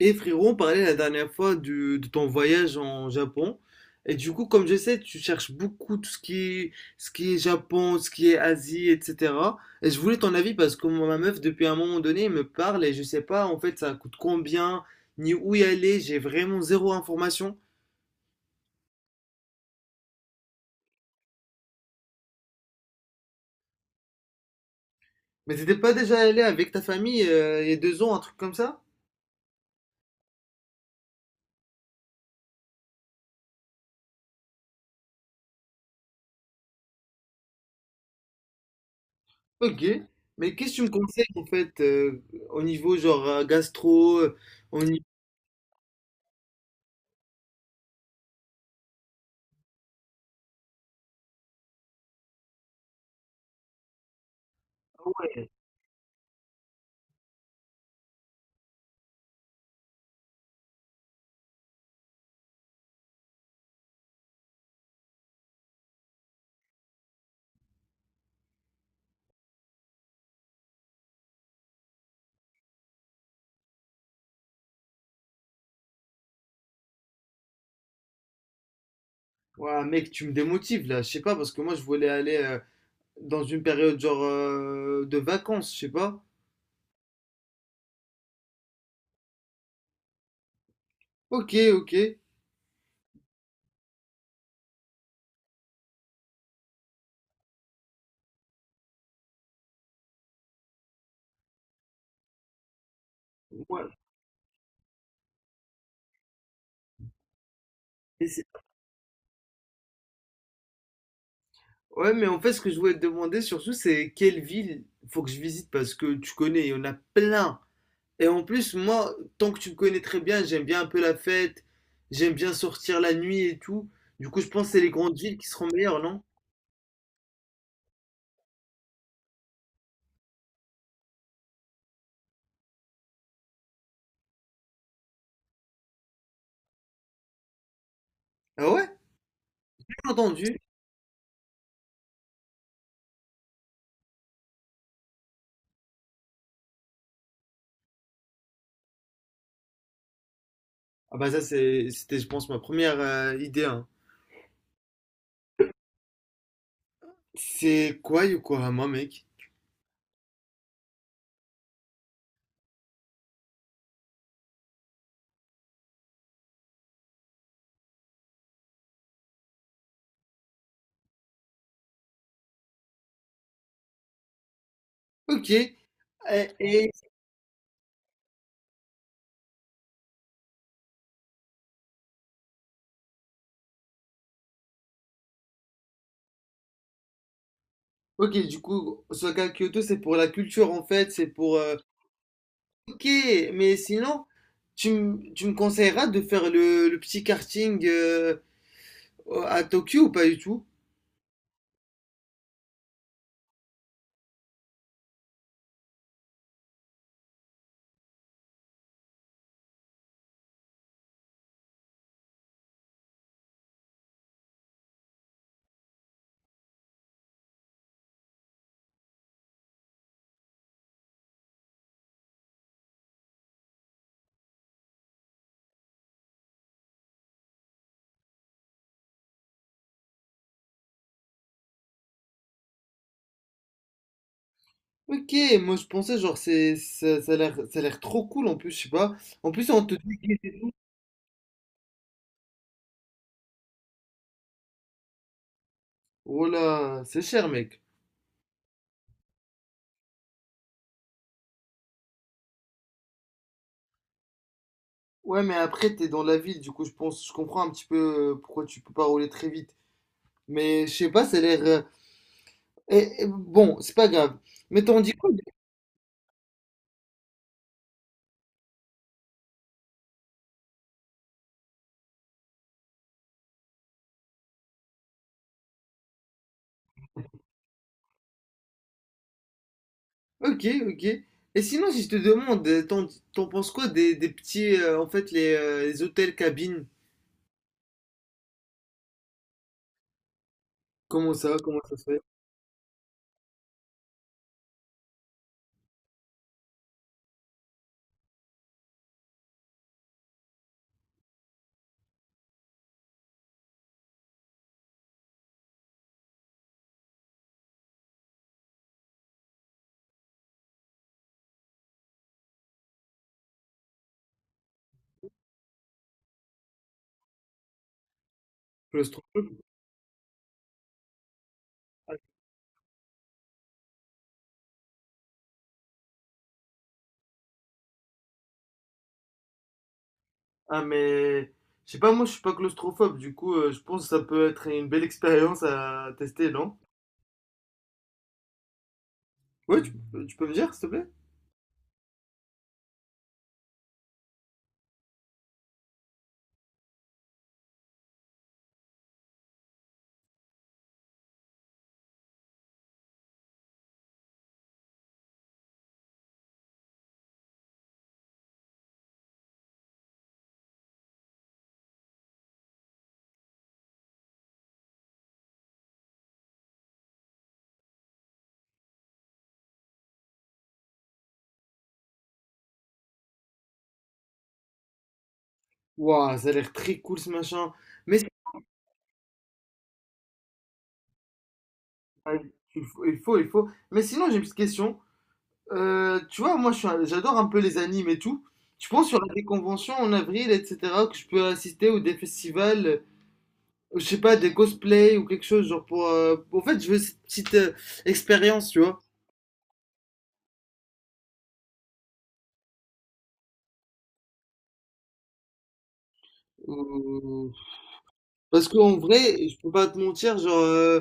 Et frérot, on parlait la dernière fois de ton voyage en Japon. Et du coup, comme je sais, tu cherches beaucoup tout est, ce qui est Japon, ce qui est Asie, etc. Et je voulais ton avis parce que moi, ma meuf, depuis un moment donné, elle me parle et je sais pas en fait ça coûte combien, ni où y aller. J'ai vraiment zéro information. Mais t'étais pas déjà allé avec ta famille il y a deux ans, un truc comme ça? Ok. Mais qu'est-ce que tu me conseilles en fait, au niveau genre, gastro, au niveau... Ouais, mec, tu me démotives là, je sais pas, parce que moi je voulais aller, dans une période genre, de vacances, je sais pas. Ok, ok. Ouais. Et c'est- ouais, mais en fait, ce que je voulais te demander surtout, c'est quelle ville faut que je visite parce que tu connais, il y en a plein. Et en plus, moi, tant que tu me connais très bien, j'aime bien un peu la fête, j'aime bien sortir la nuit et tout. Du coup, je pense que c'est les grandes villes qui seront meilleures, non? Ah ouais? Bien entendu. Ah bah ça, c'était, je pense, ma première idée, hein. C'est quoi Yokohama, mec? Ok. Et, et- ok, du coup, Osaka Kyoto, c'est pour la culture en fait, c'est pour. Euh. Ok, mais sinon, tu me conseilleras de faire le petit karting à Tokyo ou pas du tout? Ok, moi je pensais genre c'est ça, ça a l'air trop cool en plus, je sais pas. En plus on te dit que- Oh là, c'est cher mec. Ouais, mais après t'es dans la ville, du coup je pense je comprends un petit peu, pourquoi tu peux pas rouler très vite. Mais je sais pas, ça a l'air, bon, c'est pas grave. Mais t'en dis quoi. Ok, ok. Et sinon, si je te demande, t'en penses quoi des petits, en fait, les hôtels cabines? Comment ça se fait? Claustrophobe? Ah, mais je sais pas, moi je suis pas claustrophobe, du coup, je pense que ça peut être une belle expérience à tester, non? Ouais, tu peux me dire, s'il te plaît? Waouh, ça a l'air très cool ce machin. Mais c'est- il faut, il faut, il faut. Mais sinon, j'ai une petite question. Tu vois, moi, j'adore un peu les animes et tout. Tu penses qu'il y aura des conventions en avril, etc., que je peux assister ou des festivals, je sais pas, des cosplays ou quelque chose, genre pour. Euh. En fait, je veux cette petite expérience, tu vois. Euh. Parce qu'en vrai, je peux pas te mentir, genre. Euh.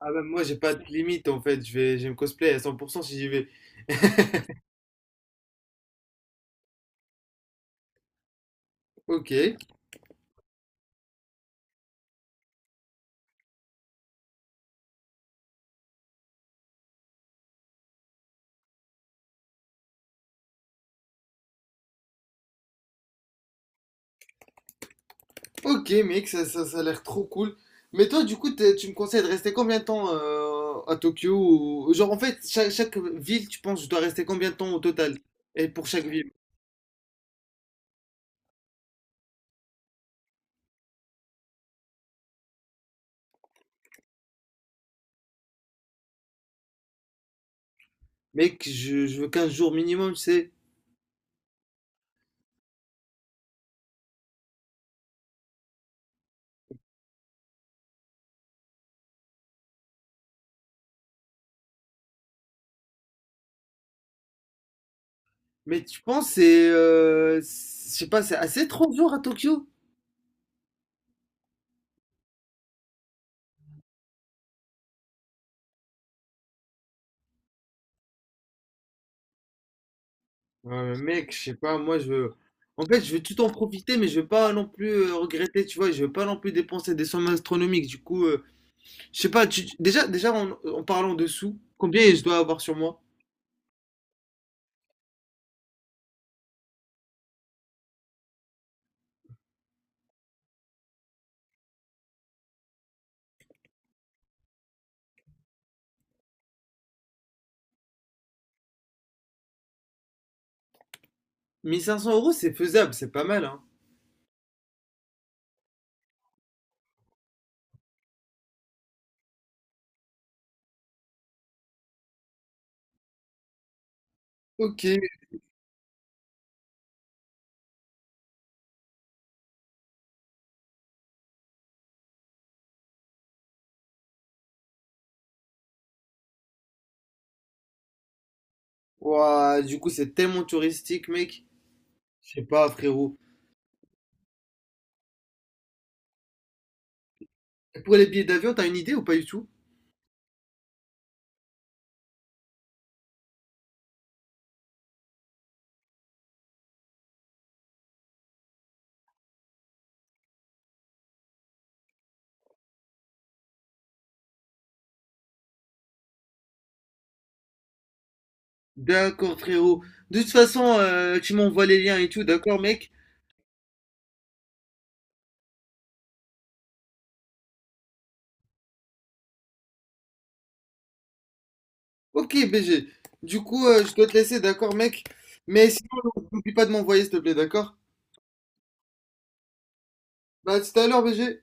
Ah bah, moi, j'ai pas de limite en fait, je vais me cosplayer à 100% si j'y vais. Ok. Ok, mec, ça a l'air trop cool. Mais toi, du coup, tu me conseilles de rester combien de temps à Tokyo ou- Genre, en fait, chaque, chaque ville, tu penses, je dois rester combien de temps au total? Et pour chaque ville? Mec, je veux 15 jours minimum, tu sais. Mais tu penses, je sais pas, c'est assez 30 jours à Tokyo? Ouais, mais mec, je sais pas, moi, je veux. En fait, je veux tout en profiter, mais je veux pas non plus, regretter, tu vois. Je veux pas non plus dépenser des sommes astronomiques. Du coup, je sais pas, déjà, déjà en, en parlant de sous, combien je dois avoir sur moi? 1 500 euros, c'est faisable, c'est pas mal, hein. Ok. Ouah, du coup, c'est tellement touristique, mec. Je sais pas, frérot. Et pour les billets d'avion, t'as une idée ou pas du tout? D'accord, frérot. De toute façon, tu m'envoies les liens et tout, d'accord, mec? Ok, BG. Du coup, je dois te laisser, d'accord, mec? Mais sinon, n'oublie pas de m'envoyer, s'il te plaît, d'accord? Bah, à tout à l'heure, BG.